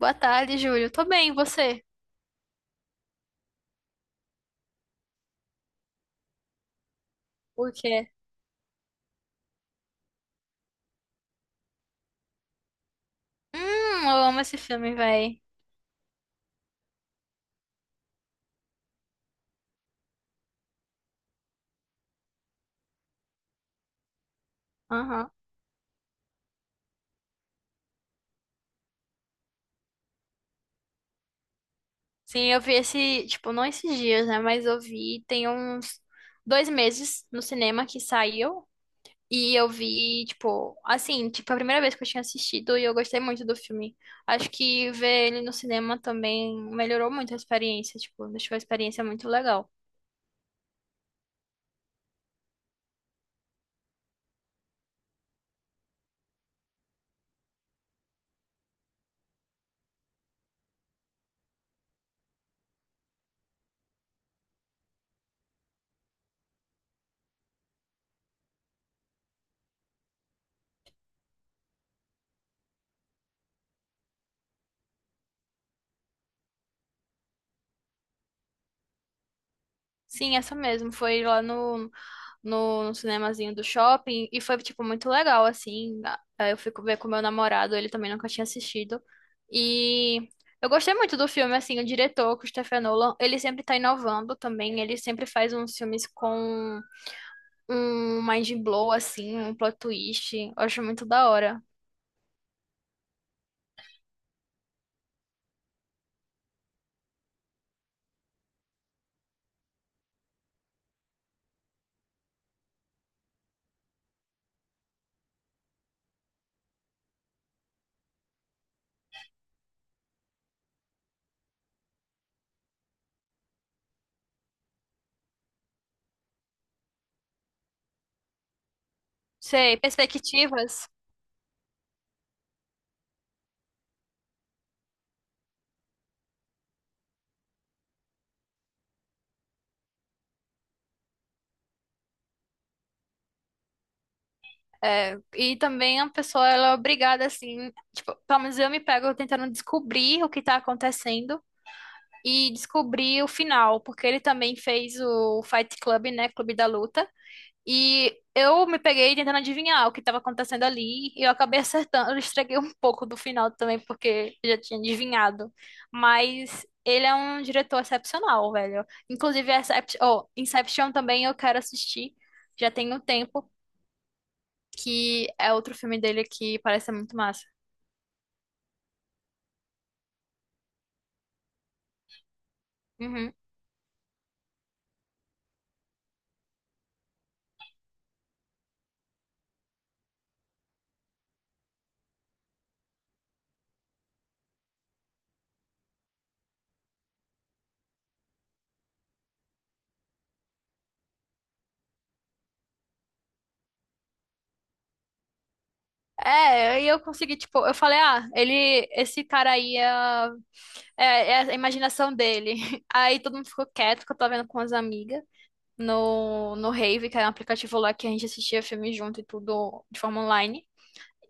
Boa tarde, Júlio. Tô bem, e você? Por quê? Hum, eu amo esse filme, véi. Aham. Sim, eu vi esse, tipo, não esses dias, né? Mas eu vi tem uns 2 meses no cinema que saiu. E eu vi, tipo, assim, tipo, a primeira vez que eu tinha assistido e eu gostei muito do filme. Acho que ver ele no cinema também melhorou muito a experiência, tipo, deixou a experiência muito legal. Sim, essa mesmo. Foi lá no cinemazinho do shopping e foi, tipo, muito legal, assim. Aí eu fui ver com meu namorado, ele também nunca tinha assistido. E eu gostei muito do filme, assim, o diretor, Christopher Nolan, ele sempre tá inovando também, ele sempre faz uns filmes com um mind blow, assim, um plot twist. Eu acho muito da hora. Sei, perspectivas. É, e também a pessoa, ela é obrigada, assim, tipo, pelo menos eu me pego tentando descobrir o que tá acontecendo e descobri o final, porque ele também fez o Fight Club, né? Clube da Luta. E eu me peguei tentando adivinhar o que estava acontecendo ali e eu acabei acertando. Eu estraguei um pouco do final também, porque eu já tinha adivinhado. Mas ele é um diretor excepcional, velho. Inclusive, Inception também eu quero assistir. Já tem um tempo, que é outro filme dele que parece ser muito massa. Uhum. É, e eu consegui, tipo, eu falei, ah, ele, esse cara aí é a imaginação dele. Aí todo mundo ficou quieto, que eu tava vendo com as amigas no Rave, que era um aplicativo lá que a gente assistia filme junto e tudo de forma online.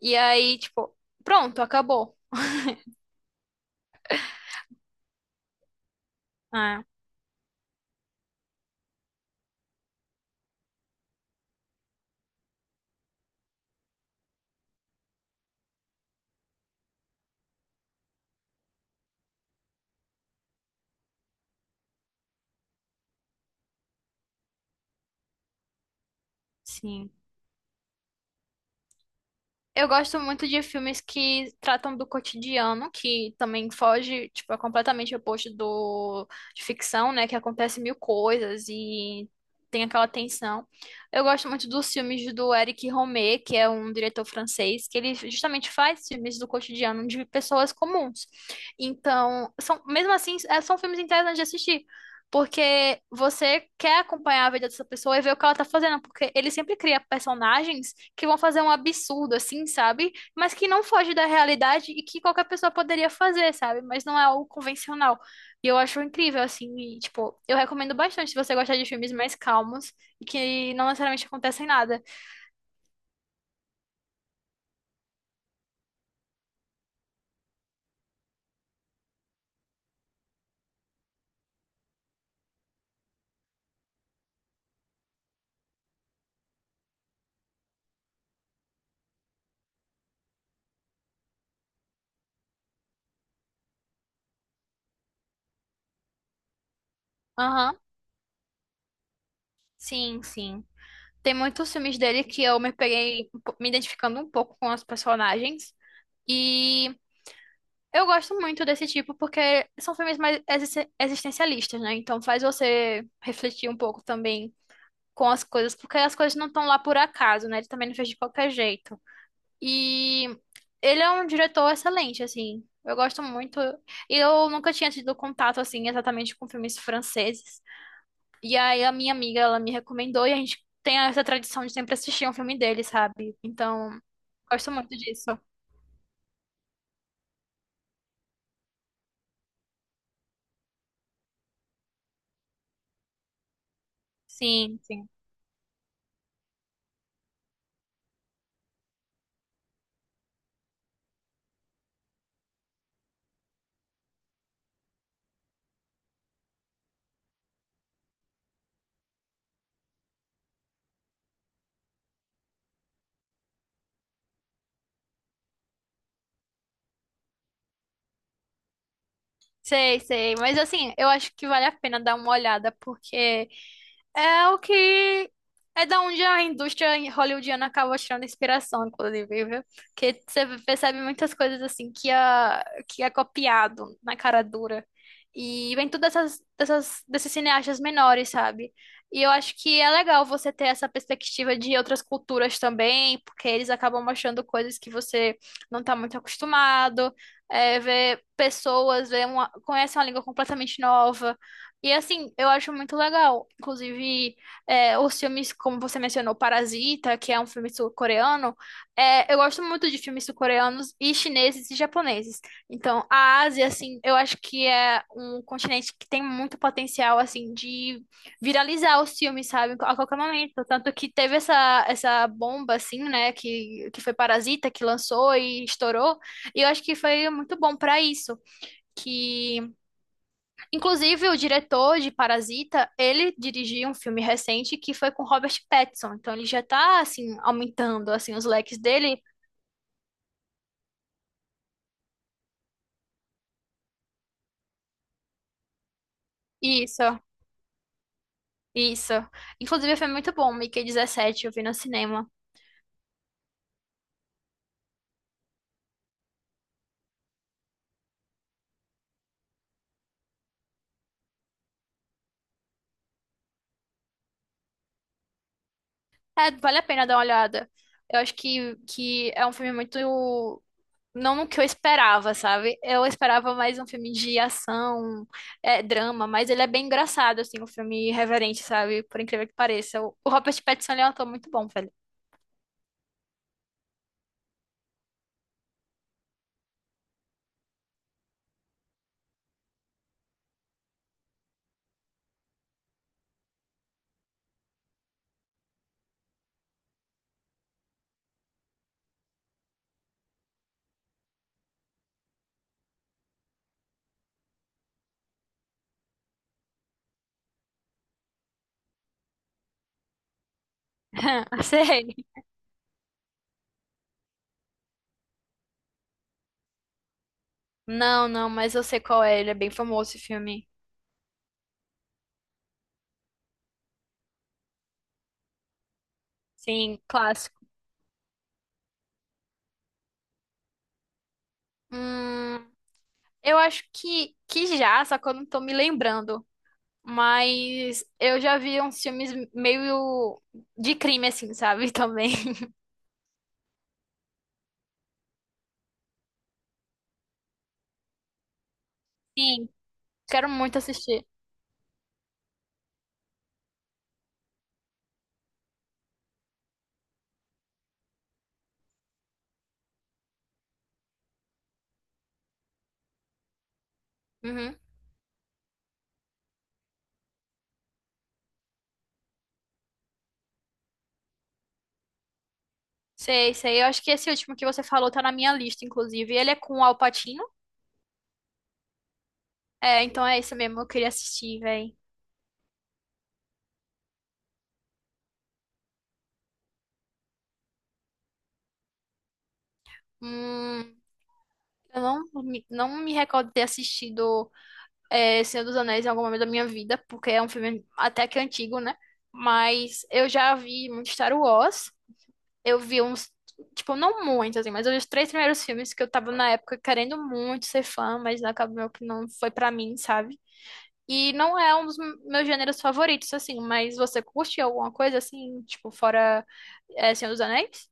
E aí, tipo, pronto, acabou. Ah, sim. Eu gosto muito de filmes que tratam do cotidiano, que também foge, tipo, é completamente oposto do de ficção, né? Que acontece mil coisas e tem aquela tensão. Eu gosto muito dos filmes do Eric Romer, que é um diretor francês, que ele justamente faz filmes do cotidiano de pessoas comuns. Então, são, mesmo assim, são filmes interessantes de assistir. Porque você quer acompanhar a vida dessa pessoa e ver o que ela tá fazendo, porque ele sempre cria personagens que vão fazer um absurdo, assim, sabe? Mas que não foge da realidade e que qualquer pessoa poderia fazer, sabe? Mas não é algo convencional. E eu acho incrível, assim, e, tipo, eu recomendo bastante se você gostar de filmes mais calmos e que não necessariamente acontecem nada. Aham, sim, sim. Tem muitos filmes dele que eu me peguei me identificando um pouco com os personagens. E eu gosto muito desse tipo porque são filmes mais existencialistas, né? Então faz você refletir um pouco também com as coisas, porque as coisas não estão lá por acaso, né? Ele também não fez de qualquer jeito. E ele é um diretor excelente, assim. Eu gosto muito. E eu nunca tinha tido contato, assim, exatamente com filmes franceses. E aí a minha amiga, ela me recomendou e a gente tem essa tradição de sempre assistir um filme dele, sabe? Então, gosto muito disso. Sim, sim. Sei, sei. Mas assim, eu acho que vale a pena dar uma olhada, porque É o que é da onde a indústria hollywoodiana acaba tirando inspiração, inclusive, viu? Porque você percebe muitas coisas assim que é copiado na cara dura. E vem tudo desses cineastas menores, sabe? E eu acho que é legal você ter essa perspectiva de outras culturas também, porque eles acabam mostrando coisas que você não tá muito acostumado, ver pessoas, ver uma, conhece uma língua completamente nova. E assim, eu acho muito legal. Inclusive, os filmes, como você mencionou, Parasita, que é um filme sul-coreano, eu gosto muito de filmes sul-coreanos e chineses e japoneses. Então, a Ásia, assim, eu acho que é um continente que tem muito potencial, assim, de viralizar os filmes, sabe? A qualquer momento. Tanto que teve essa, bomba, assim, né, que foi Parasita, que lançou e estourou. E eu acho que foi muito bom pra isso. Que Inclusive, o diretor de Parasita, ele dirigiu um filme recente que foi com Robert Pattinson. Então, ele já tá, assim, aumentando, assim, os leques dele. Isso, isso. Inclusive, foi muito bom, Mickey 17, eu vi no cinema. É, vale a pena dar uma olhada. Eu acho que é um filme muito... Não no que eu esperava, sabe? Eu esperava mais um filme de ação, drama, mas ele é bem engraçado, assim, um filme irreverente, sabe? Por incrível que pareça. O Robert Pattinson, ele é um ator muito bom, velho. Sei. Não, não, mas eu sei qual é. Ele é bem famoso esse filme. Sim, clássico. Hum, eu acho que já, só que eu não tô me lembrando. Mas eu já vi uns filmes meio de crime, assim, sabe? Também. Sim, quero muito assistir. Uhum. Sei, sei. Eu acho que esse último que você falou tá na minha lista, inclusive. Ele é com o Al Pacino. É, então é isso mesmo. Eu queria assistir, véi. Hum, eu não me recordo de ter assistido. Senhor dos Anéis em algum momento da minha vida, porque é um filme até que antigo, né? Mas eu já vi muito Star Wars. Eu vi uns, tipo, não muito, assim, mas eu vi os três primeiros filmes que eu tava na época querendo muito ser fã, mas acabou que não foi pra mim, sabe? E não é um dos meus gêneros favoritos, assim, mas você curte alguma coisa, assim, tipo, fora, Senhor dos Anéis?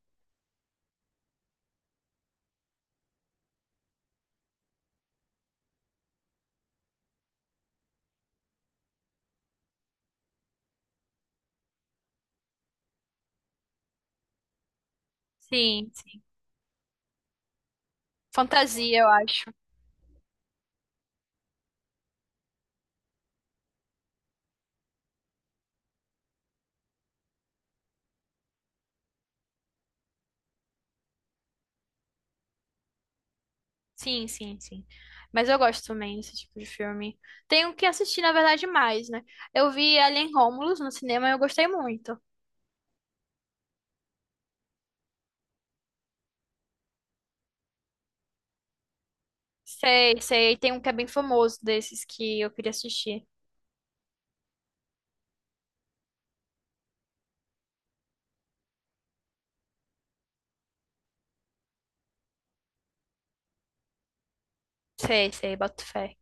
Sim, sim. Fantasia, eu acho. Sim, sim, sim. Mas eu gosto também desse tipo de filme. Tenho que assistir, na verdade, mais, né? Eu vi Alien Romulus no cinema e eu gostei muito. Sei, sei. Tem um que é bem famoso desses que eu queria assistir. Sei, sei, boto fé.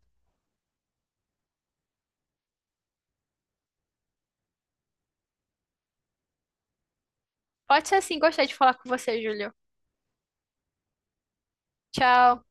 Pode ser assim, gostei de falar com você, Júlio. Tchau.